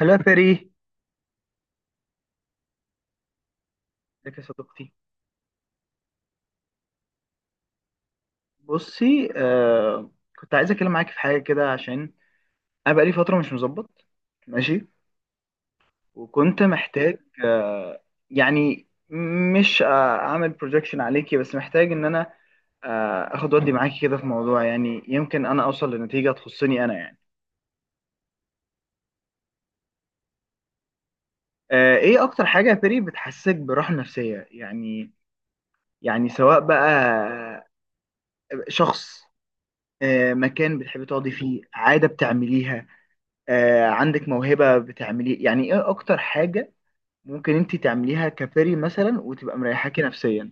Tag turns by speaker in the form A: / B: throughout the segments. A: هلا فري. ازيك يا صديقتي؟ بصي، كنت عايز اتكلم معاكي في حاجه كده، عشان انا بقالي فتره مش مظبط، ماشي، وكنت محتاج آه يعني مش آه اعمل بروجكشن عليكي، بس محتاج ان انا اخد ودي معاكي كده في موضوع، يعني يمكن انا اوصل لنتيجه تخصني انا يعني. ايه اكتر حاجه يا فري بتحسسك براحه نفسيه؟ يعني، يعني سواء بقى شخص، مكان بتحبي تقعدي فيه، عادة بتعمليها، عندك موهبة بتعملي، يعني ايه اكتر حاجة ممكن انت تعمليها كفري مثلا وتبقى مريحاكي نفسيا؟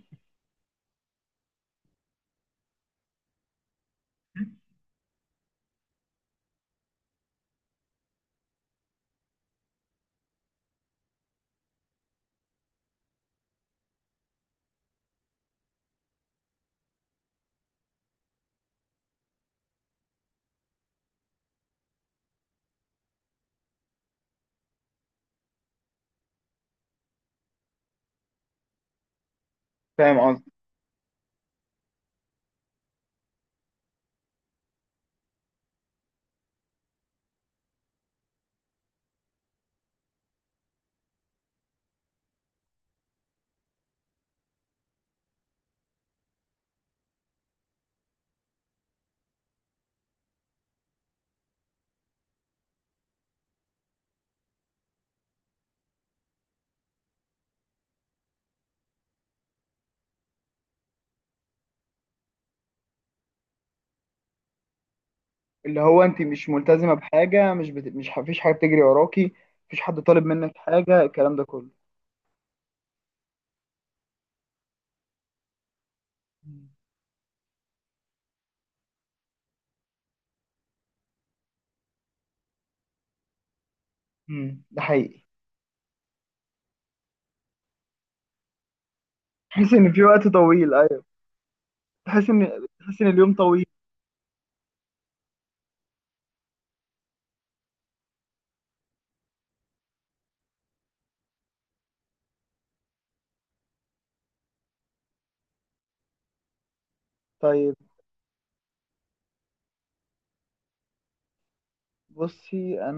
A: فاهم قصدي؟ اللي هو انت مش ملتزمه بحاجه، مش بت... مش مفيش حاجه بتجري وراكي. مفيش حد طالب منك حاجه الكلام ده كله. ده حقيقي. تحس ان في وقت طويل، ايوه، تحس ان تحس ان اليوم طويل. طيب، بصي انا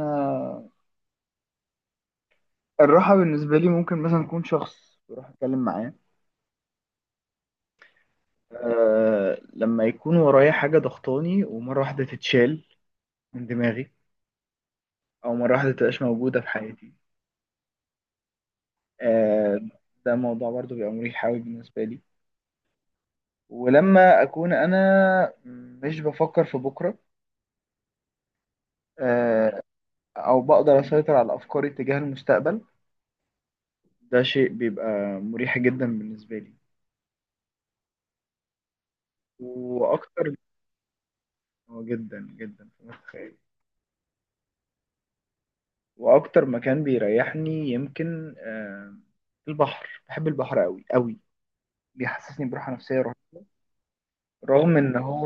A: الراحه بالنسبه لي ممكن مثلا اكون شخص بروح اتكلم معاه، أه لما يكون ورايا حاجة ضغطاني ومرة واحدة تتشال من دماغي، او مره واحده تبقاش موجوده في حياتي. آه ده موضوع برضو بيبقى مريح قوي بالنسبه لي. ولما اكون انا مش بفكر في بكره، آه او بقدر اسيطر على افكاري تجاه المستقبل، ده شيء بيبقى مريح جدا بالنسبه لي. واكتر، جدا جدا فما تتخيل. واكتر مكان بيريحني يمكن البحر، بحب البحر قوي قوي، بيحسسني براحه نفسيه رهيبة. رغم ان هو،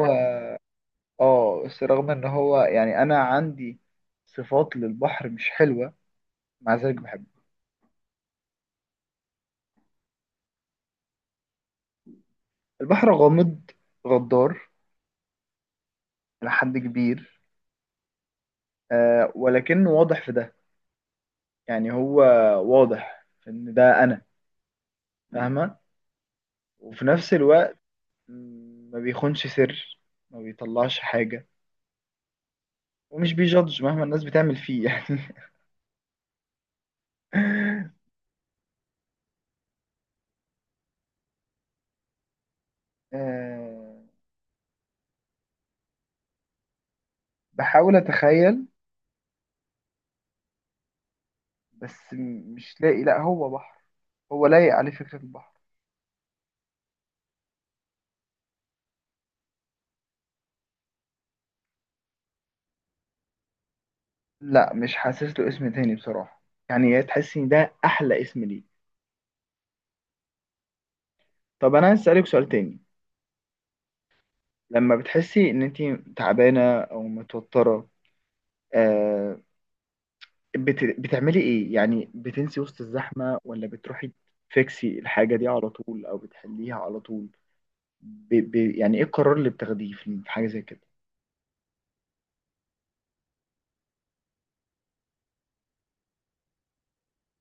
A: اه بس رغم ان هو، يعني انا عندي صفات للبحر مش حلوة، مع ذلك بحبه. البحر غامض، غدار إلى حد كبير، ولكنه واضح في ده، يعني هو واضح في ان ده انا فاهمة. وفي نفس الوقت م، ما بيخونش سر، ما بيطلعش حاجة، ومش بيجادج مهما الناس بتعمل فيه يعني. آه بحاول اتخيل، بس مش لاقي، لا هو بحر، هو لايق عليه فكرة البحر. لا مش حاسس له اسم تاني بصراحة، يعني يا تحسي إن ده أحلى اسم ليه. طب أنا عايز أسألك سؤال تاني. لما بتحسي إن أنت تعبانة أو متوترة، آه بت... بتعملي إيه؟ يعني بتنسي وسط الزحمة ولا بتروحي تفكسي الحاجة دي على طول أو بتحليها على طول؟ ب... ب... يعني إيه القرار اللي بتاخديه في في حاجة زي كده؟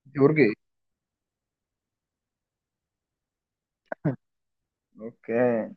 A: برج ايه؟ أوكي.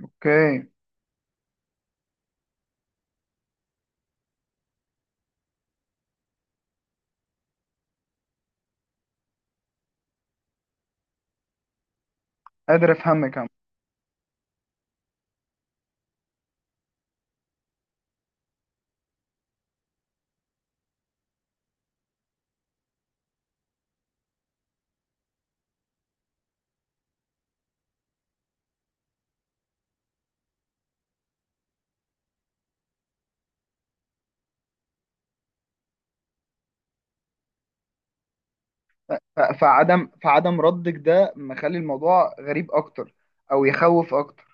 A: اوكي، قادر افهمك، عم. ف... فعدم فعدم ردك ده مخلي الموضوع غريب أكتر، أو يخوف أكتر.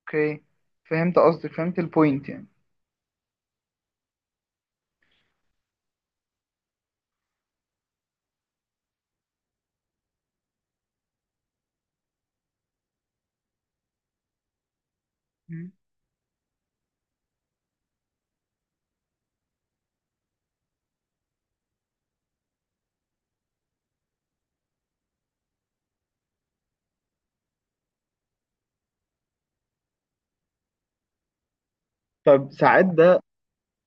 A: اوكي، فهمت قصدك، فهمت البوينت يعني. مم. طب ساعات ده،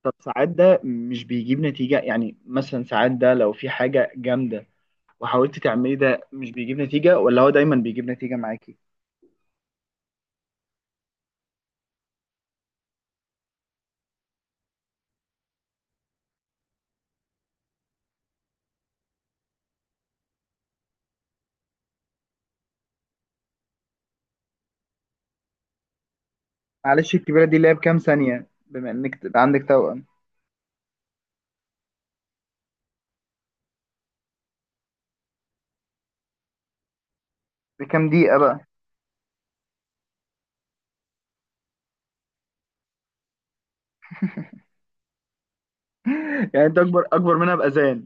A: طب ساعات ده مش بيجيب نتيجة؟ يعني مثلا ساعات ده لو في حاجة جامدة وحاولت تعملي ده مش بيجيب نتيجة، ولا هو دايما بيجيب نتيجة معاكي؟ معلش، الكبيرة دي اللي هي بكام ثانية، بما انك تبقى عندك توأم؟ بكام دقيقة بقى؟ يعني انت اكبر، اكبر منها بأذان؟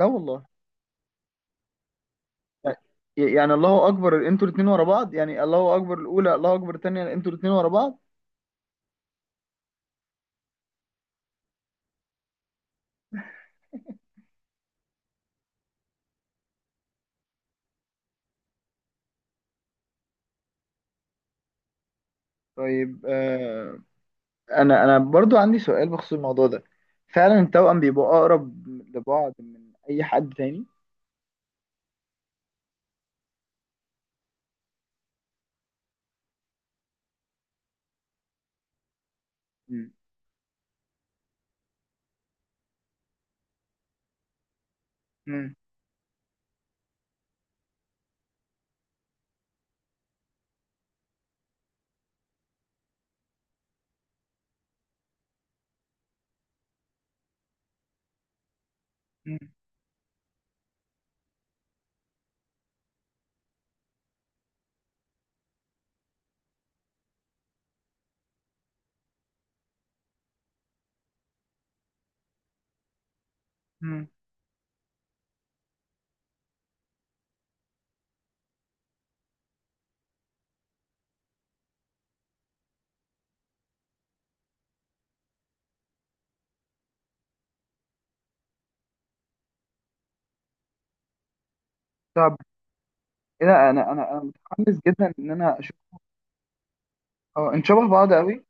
A: لا والله؟ ي- يعني الله اكبر انتوا الاتنين ورا بعض، يعني الله اكبر الاولى الله اكبر الثانية، انتوا الاتنين ورا بعض. طيب، انا انا برضو عندي سؤال بخصوص الموضوع ده. فعلا التوأم بيبقوا اقرب لبعض من اي حد تاني؟ مم. مم. مم. مم. طب ايه ده، انا انا انا متحمس جدا ان انا اشوف، اه انت شبه بعض قوي.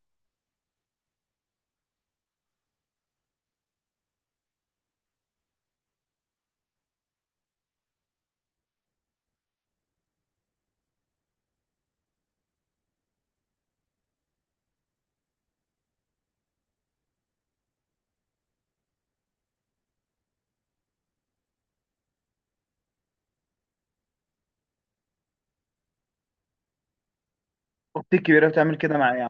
A: اختي الكبيره بتعمل كده معايا.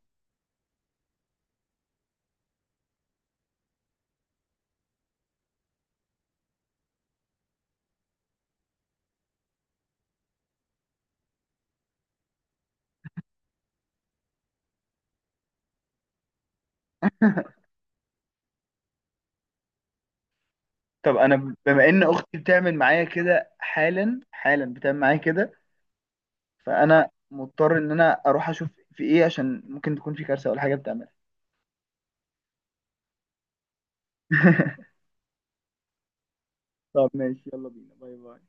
A: طب انا بما ان اختي بتعمل معايا كده حالا، حالا بتعمل معايا كده، فانا مضطر ان انا اروح اشوف في ايه، عشان ممكن تكون في كارثه ولا حاجه بتعملها. طب ماشي، يلا بينا، باي باي.